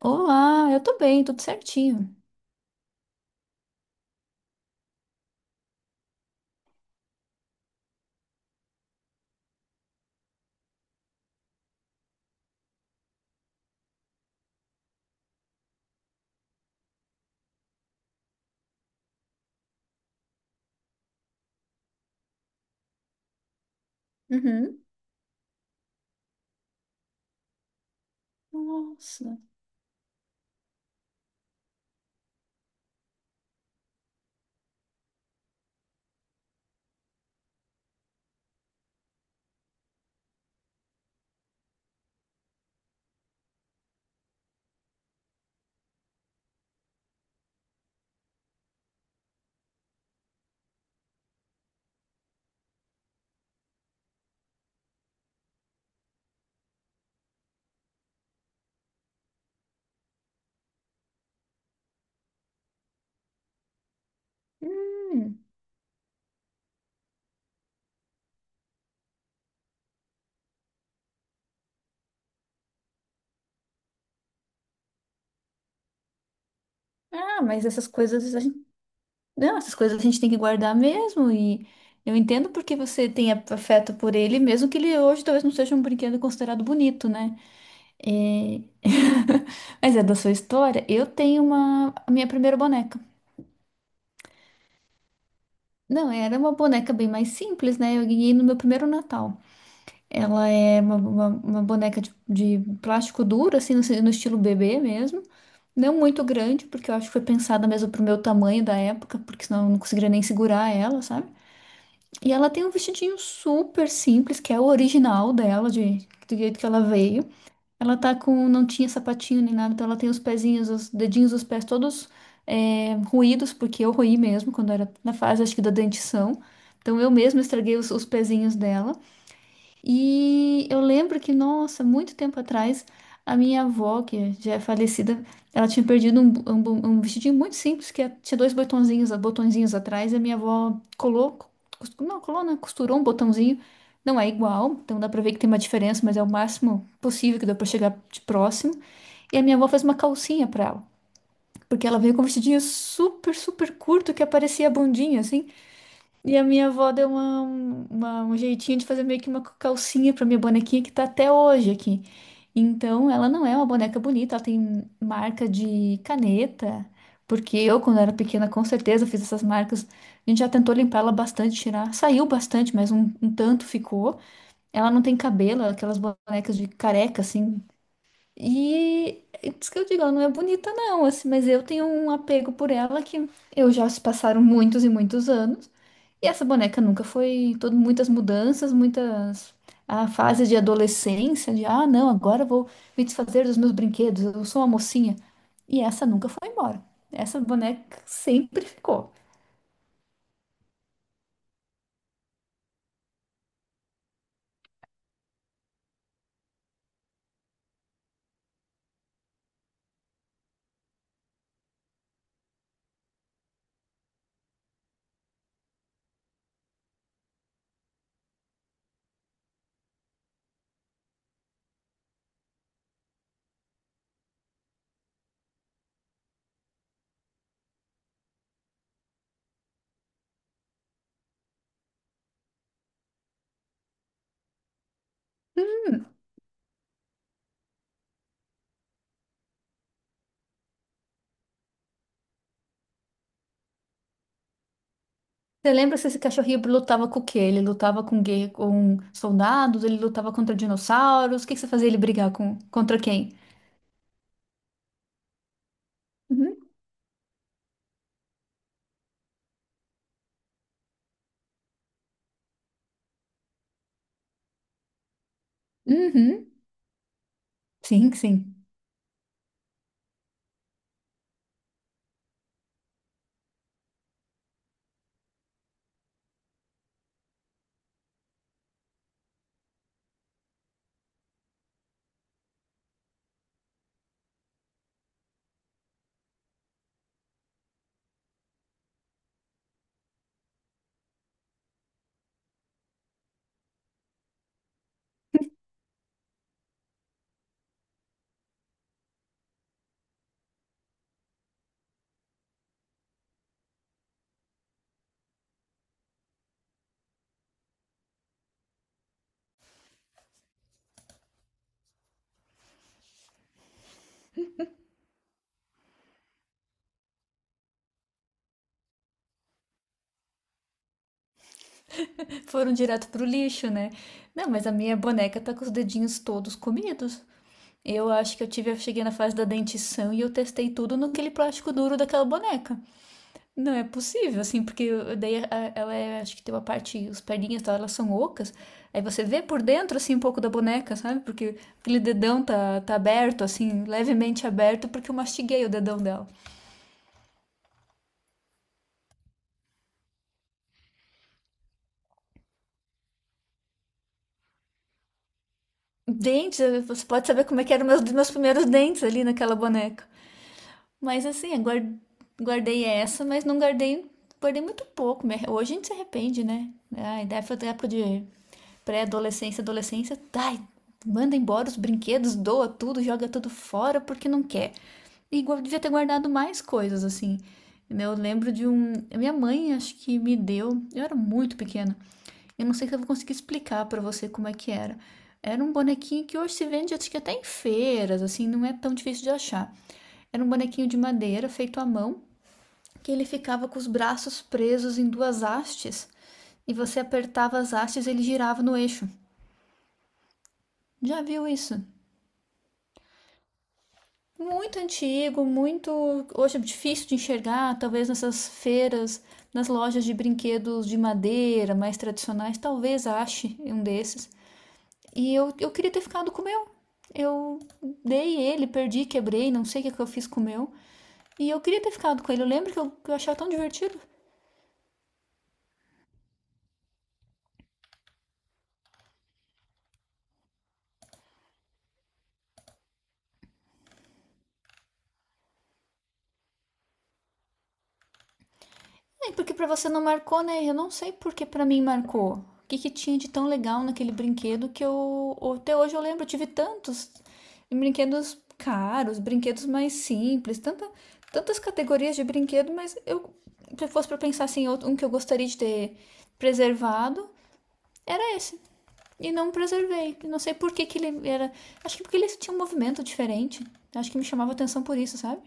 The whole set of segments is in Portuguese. Olá, eu tô bem, tudo certinho. Uhum. Nossa. Hum. Ah, mas essas coisas a gente... Não, essas coisas a gente tem que guardar mesmo e eu entendo porque você tem afeto por ele, mesmo que ele hoje talvez não seja um brinquedo considerado bonito, né? É... Mas é da sua história. Eu tenho uma a minha primeira boneca. Não, era uma boneca bem mais simples, né? Eu ganhei no meu primeiro Natal. Ela é uma boneca de plástico duro, assim, no, no estilo bebê mesmo. Não muito grande, porque eu acho que foi pensada mesmo pro meu tamanho da época, porque senão eu não conseguiria nem segurar ela, sabe? E ela tem um vestidinho super simples, que é o original dela, de, do jeito que ela veio. Ela tá com, não tinha sapatinho nem nada, então ela tem os pezinhos, os dedinhos dos pés todos ruídos, porque eu roí mesmo quando era na fase, acho que da dentição. Então eu mesma estraguei os pezinhos dela. E eu lembro que, nossa, muito tempo atrás, a minha avó, que já é falecida, ela tinha perdido um, um vestidinho muito simples, que é, tinha dois botõezinhos, botõezinhos atrás, e a minha avó colou, cos- não, colou, né? Costurou um botãozinho. Não é igual, então dá pra ver que tem uma diferença, mas é o máximo possível que dá pra chegar de próximo. E a minha avó fez uma calcinha pra ela, porque ela veio com um vestidinho super, super curto que aparecia a bundinha, assim. E a minha avó deu um jeitinho de fazer meio que uma calcinha pra minha bonequinha que tá até hoje aqui. Então, ela não é uma boneca bonita, ela tem marca de caneta, porque eu, quando era pequena, com certeza fiz essas marcas. A gente já tentou limpar ela bastante, tirar. Saiu bastante, mas um tanto ficou. Ela não tem cabelo, aquelas bonecas de careca, assim. E é isso que eu digo, ela não é bonita, não, assim, mas eu tenho um apego por ela que eu já se passaram muitos e muitos anos. E essa boneca nunca foi todo, muitas mudanças, muitas fases de adolescência, de não, agora eu vou me desfazer dos meus brinquedos, eu sou uma mocinha. E essa nunca foi embora. Essa boneca sempre ficou. Hum, você lembra se esse cachorrinho lutava com o quê? Ele lutava com, com soldados, ele lutava contra dinossauros, o que que você fazia ele brigar com, contra quem? Uhum. Uhum. Sim, sim. Foram direto pro lixo, né? Não, mas a minha boneca tá com os dedinhos todos comidos. Eu acho que eu tive, eu cheguei na fase da dentição e eu testei tudo naquele plástico duro daquela boneca. Não é possível, assim, porque eu- daí a- ela é, acho que tem uma parte, os perninhas dela elas são ocas. Aí você vê por dentro, assim, um pouco da boneca, sabe? Porque aquele dedão tá aberto, assim, levemente aberto, porque eu mastiguei o dedão dela. Dentes, você pode saber como é que eram meus primeiros dentes ali naquela boneca. Mas assim, eu guardei essa, mas não guardei, guardei muito pouco. Hoje a gente se arrepende, né? Ai, da época de pré-adolescência, adolescência, ai, manda embora os brinquedos, doa tudo, joga tudo fora porque não quer. E devia ter guardado mais coisas, assim, né? Eu lembro de um. Minha mãe, acho que me deu. Eu era muito pequena. Eu não sei se eu vou conseguir explicar pra você como é que era. Era um bonequinho que hoje se vende, acho que até em feiras, assim, não é tão difícil de achar. Era um bonequinho de madeira feito à mão, que ele ficava com os braços presos em duas hastes e você apertava as hastes e ele girava no eixo. Já viu isso? Muito antigo, muito, hoje é difícil de enxergar, talvez nessas feiras, nas lojas de brinquedos de madeira mais tradicionais, talvez ache um desses. E eu queria ter ficado com o meu. Eu dei ele, perdi, quebrei, não sei o que, é que eu fiz com o meu. E eu queria ter ficado com ele. Eu lembro que que eu achava tão divertido. É, porque pra você não marcou, né? Eu não sei porque pra mim marcou. O que que tinha de tão legal naquele brinquedo que eu até hoje eu lembro, eu tive tantos brinquedos caros, brinquedos mais simples, tanta, tantas categorias de brinquedo, mas eu, se fosse pra pensar assim, um que eu gostaria de ter preservado, era esse. E não preservei. Não sei por que que ele era, acho que porque ele tinha um movimento diferente. Acho que me chamava atenção por isso, sabe?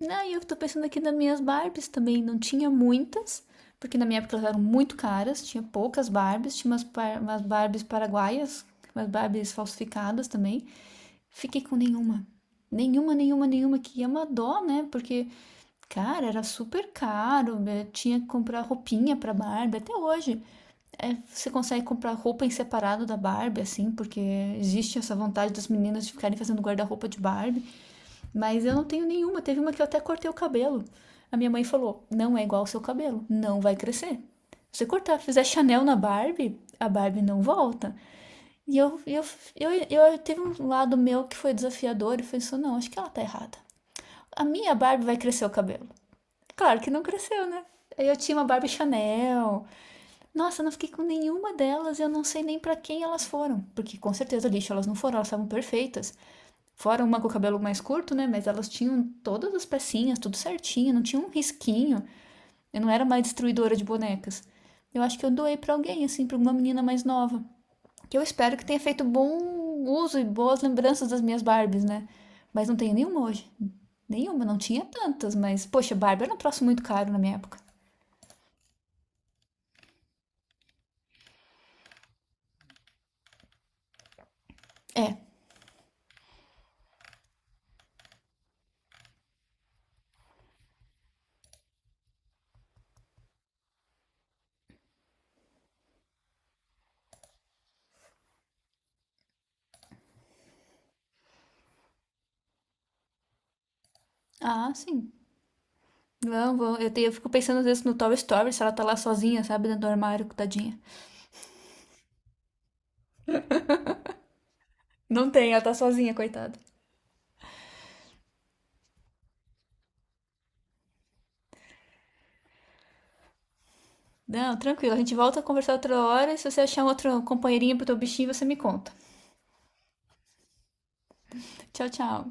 Não, e eu tô pensando aqui nas minhas Barbies também. Não tinha muitas, porque na minha época elas eram muito caras, tinha poucas Barbies, tinha umas, umas Barbies paraguaias, umas Barbies falsificadas também. Fiquei com nenhuma. Nenhuma, nenhuma, nenhuma, que é uma dó, né? Porque, cara, era super caro, né? Tinha que comprar roupinha pra Barbie, até hoje. É, você consegue comprar roupa em separado da Barbie, assim, porque existe essa vontade das meninas de ficarem fazendo guarda-roupa de Barbie. Mas eu não tenho nenhuma. Teve uma que eu até cortei o cabelo. A minha mãe falou: não é igual ao seu cabelo, não vai crescer. Se você cortar, fizer Chanel na Barbie, a Barbie não volta. E eu teve um lado meu que foi desafiador e pensou, não, acho que ela tá errada. A minha Barbie vai crescer o cabelo. Claro que não cresceu, né? Eu tinha uma Barbie Chanel. Nossa, eu não fiquei com nenhuma delas, eu não sei nem para quem elas foram. Porque com certeza lixo elas não foram, elas estavam perfeitas. Fora uma com o cabelo mais curto, né? Mas elas tinham todas as pecinhas, tudo certinho, não tinha um risquinho. Eu não era mais destruidora de bonecas. Eu acho que eu doei pra alguém, assim, pra uma menina mais nova. Que eu espero que tenha feito bom uso e boas lembranças das minhas Barbies, né? Mas não tenho nenhuma hoje. Nenhuma, não tinha tantas, mas, poxa, Barbie era um troço muito caro na minha época. Ah, sim. Não, eu fico pensando às vezes no Toy Story, se ela tá lá sozinha, sabe, dentro do armário, tadinha. Não tem, ela tá sozinha, coitada. Não, tranquilo. A gente volta a conversar outra hora. E se você achar um outro companheirinho pro teu bichinho, você me conta. Tchau, tchau.